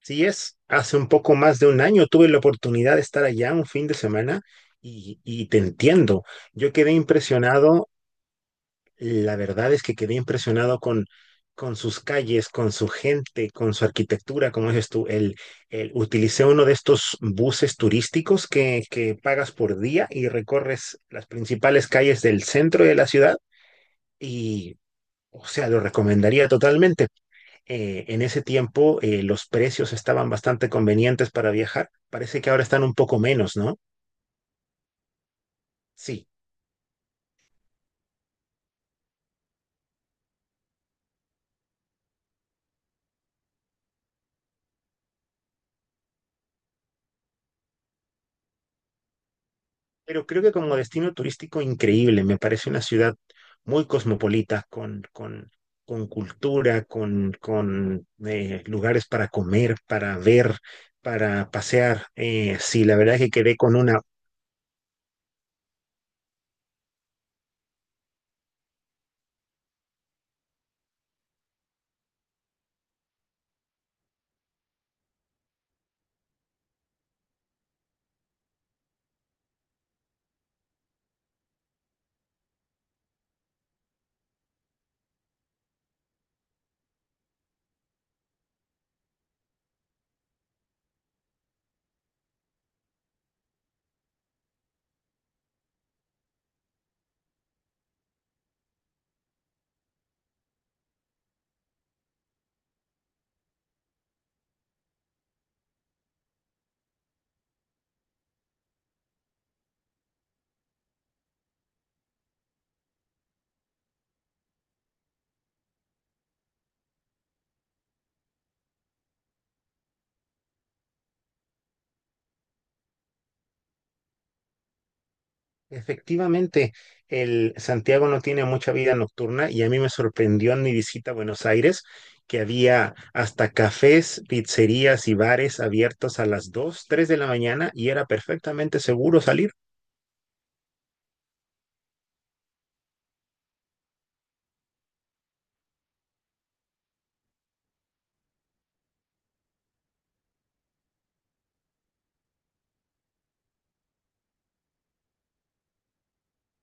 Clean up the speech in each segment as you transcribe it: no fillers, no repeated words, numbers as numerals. Sí es, hace un poco más de un año tuve la oportunidad de estar allá un fin de semana y te entiendo. Yo quedé impresionado, la verdad es que quedé impresionado con sus calles, con su gente, con su arquitectura, como dices tú. Utilicé uno de estos buses turísticos que pagas por día y recorres las principales calles del centro de la ciudad y, o sea, lo recomendaría totalmente, en ese tiempo, los precios estaban bastante convenientes para viajar. Parece que ahora están un poco menos, ¿no? Sí, pero creo que como destino turístico increíble, me parece una ciudad muy cosmopolita, con cultura, con lugares para comer, para ver, para pasear. Sí, la verdad es que quedé con una. Efectivamente, el Santiago no tiene mucha vida nocturna y a mí me sorprendió en mi visita a Buenos Aires que había hasta cafés, pizzerías y bares abiertos a las 2, 3 de la mañana y era perfectamente seguro salir.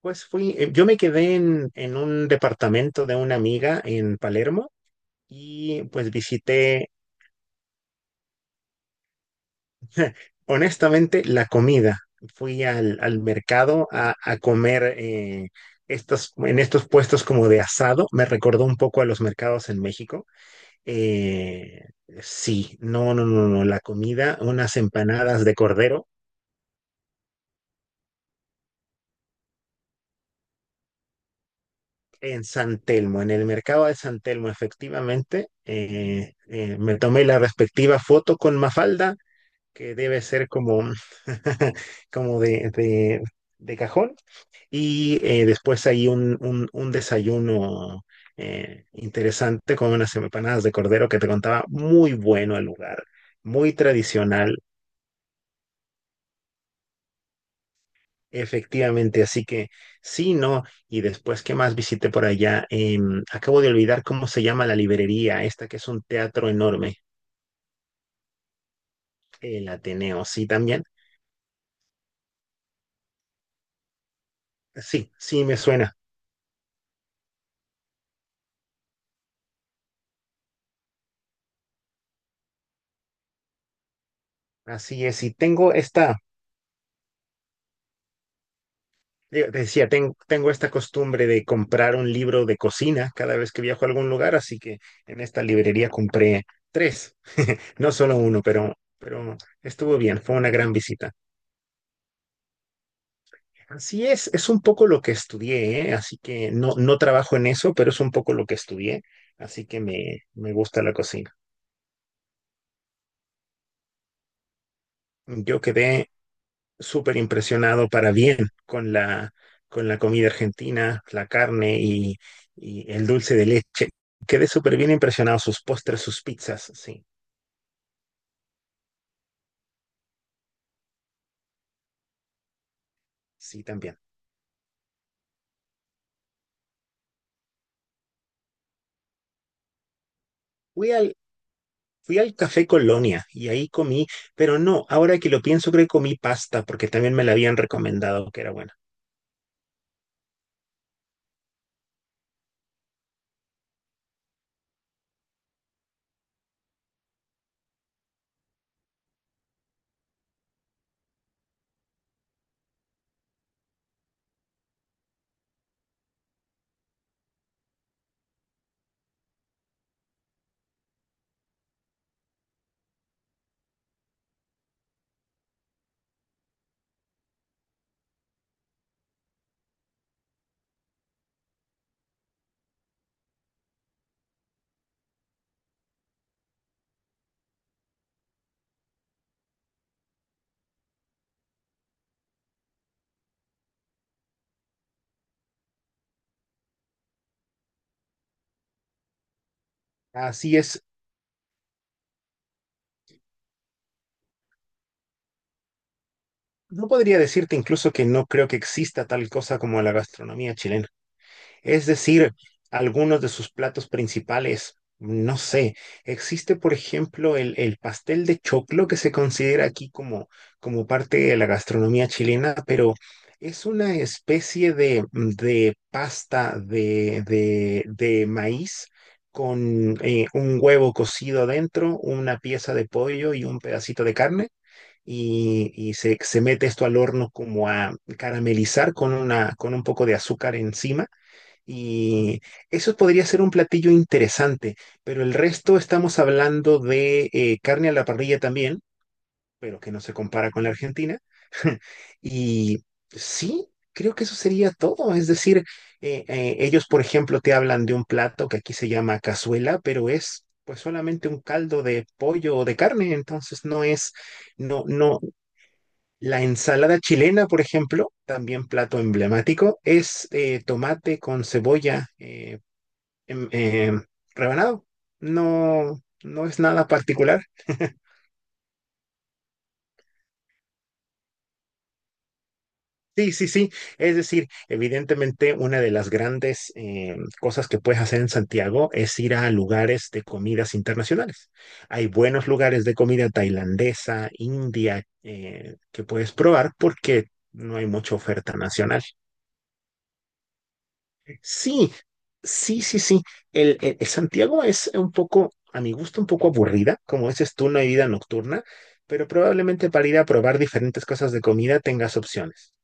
Pues fui, yo me quedé en un departamento de una amiga en Palermo y pues visité. Honestamente, la comida. Fui al mercado a comer, en estos puestos como de asado. Me recordó un poco a los mercados en México. Eh, sí, no, no, no, no. La comida, unas empanadas de cordero en San Telmo, en el mercado de San Telmo, efectivamente. Me tomé la respectiva foto con Mafalda, que debe ser como como de cajón. Después hay un desayuno interesante con unas empanadas de cordero que te contaba, muy bueno el lugar, muy tradicional, efectivamente, así que sí, no, y después, ¿qué más visité por allá? Acabo de olvidar cómo se llama la librería, esta que es un teatro enorme, el Ateneo, sí, también, sí, sí, me suena, así es, y tengo esta... Digo, te decía, tengo esta costumbre de comprar un libro de cocina cada vez que viajo a algún lugar, así que en esta librería compré tres, no solo uno, pero estuvo bien, fue una gran visita. Así es un poco lo que estudié, ¿eh? Así que no, no trabajo en eso, pero es un poco lo que estudié, así que me gusta la cocina. Yo quedé súper impresionado para bien con la comida argentina, la carne y el dulce de leche. Quedé súper bien impresionado, sus postres, sus pizzas, sí, sí, también. Fui al, fui al Café Colonia y ahí comí, pero no, ahora que lo pienso creo que comí pasta porque también me la habían recomendado que era buena. Así es, no podría decirte incluso que no creo que exista tal cosa como la gastronomía chilena. Es decir, algunos de sus platos principales. No sé, existe por ejemplo el pastel de choclo que se considera aquí como, como parte de la gastronomía chilena, pero es una especie de pasta de maíz con, un huevo cocido adentro, una pieza de pollo y un pedacito de carne. Y se mete esto al horno como a caramelizar con un poco de azúcar encima y eso podría ser un platillo interesante, pero el resto estamos hablando de, carne a la parrilla también, pero que no se compara con la Argentina. Y sí, creo que eso sería todo. Es decir, ellos, por ejemplo, te hablan de un plato que aquí se llama cazuela, pero es pues solamente un caldo de pollo o de carne. Entonces no es, no, no. La ensalada chilena, por ejemplo, también plato emblemático, es tomate con cebolla, em, em, rebanado. No, no es nada particular. Sí, sí, sí. Es decir, evidentemente una de las grandes, cosas que puedes hacer en Santiago es ir a lugares de comidas internacionales. Hay buenos lugares de comida tailandesa, india, que puedes probar porque no hay mucha oferta nacional. Sí, sí, sí, sí. El Santiago es un poco, a mi gusto, un poco aburrida, como dices tú, no hay vida nocturna, pero probablemente para ir a probar diferentes cosas de comida tengas opciones.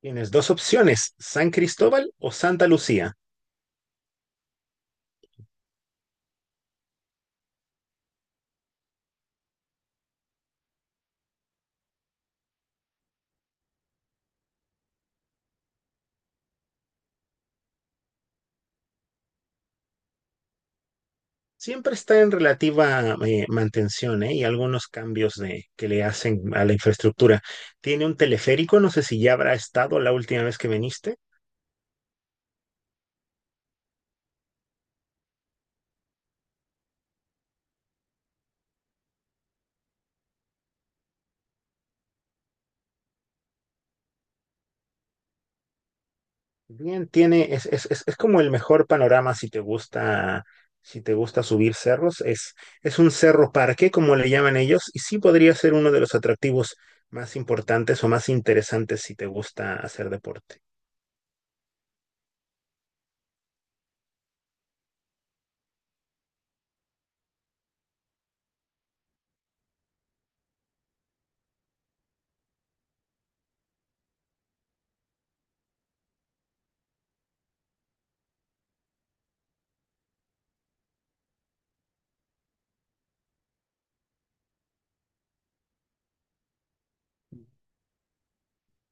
Tienes dos opciones, San Cristóbal o Santa Lucía. Siempre está en relativa, mantención, ¿eh? Y algunos cambios que le hacen a la infraestructura. Tiene un teleférico, no sé si ya habrá estado la última vez que viniste. Bien, tiene, es como el mejor panorama si te gusta, si te gusta subir cerros. Es un cerro parque, como le llaman ellos, y sí podría ser uno de los atractivos más importantes o más interesantes si te gusta hacer deporte.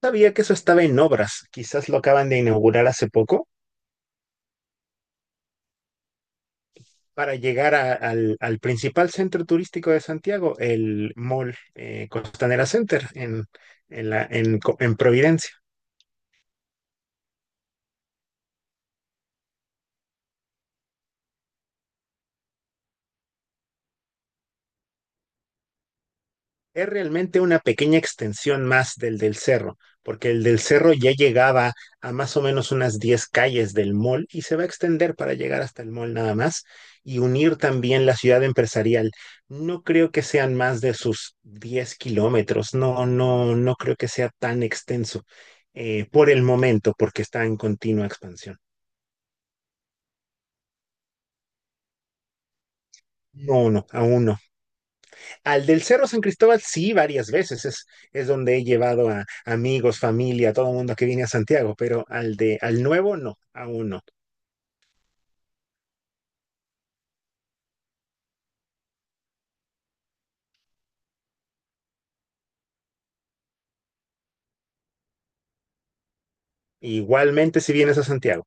Sabía que eso estaba en obras, quizás lo acaban de inaugurar hace poco para llegar a- al, al principal centro turístico de Santiago, el Mall, Costanera Center, en la, en Co- en Providencia. Es realmente una pequeña extensión más del cerro, porque el del cerro ya llegaba a más o menos unas 10 calles del mall y se va a extender para llegar hasta el mall nada más y unir también la ciudad empresarial. No creo que sean más de sus 10 kilómetros, no, no, no creo que sea tan extenso, por el momento, porque está en continua expansión. No, no, aún no. Al del Cerro San Cristóbal, sí, varias veces. Es donde he llevado a amigos, familia, todo el mundo que viene a Santiago, pero al nuevo, no, aún no. Igualmente, si vienes a Santiago.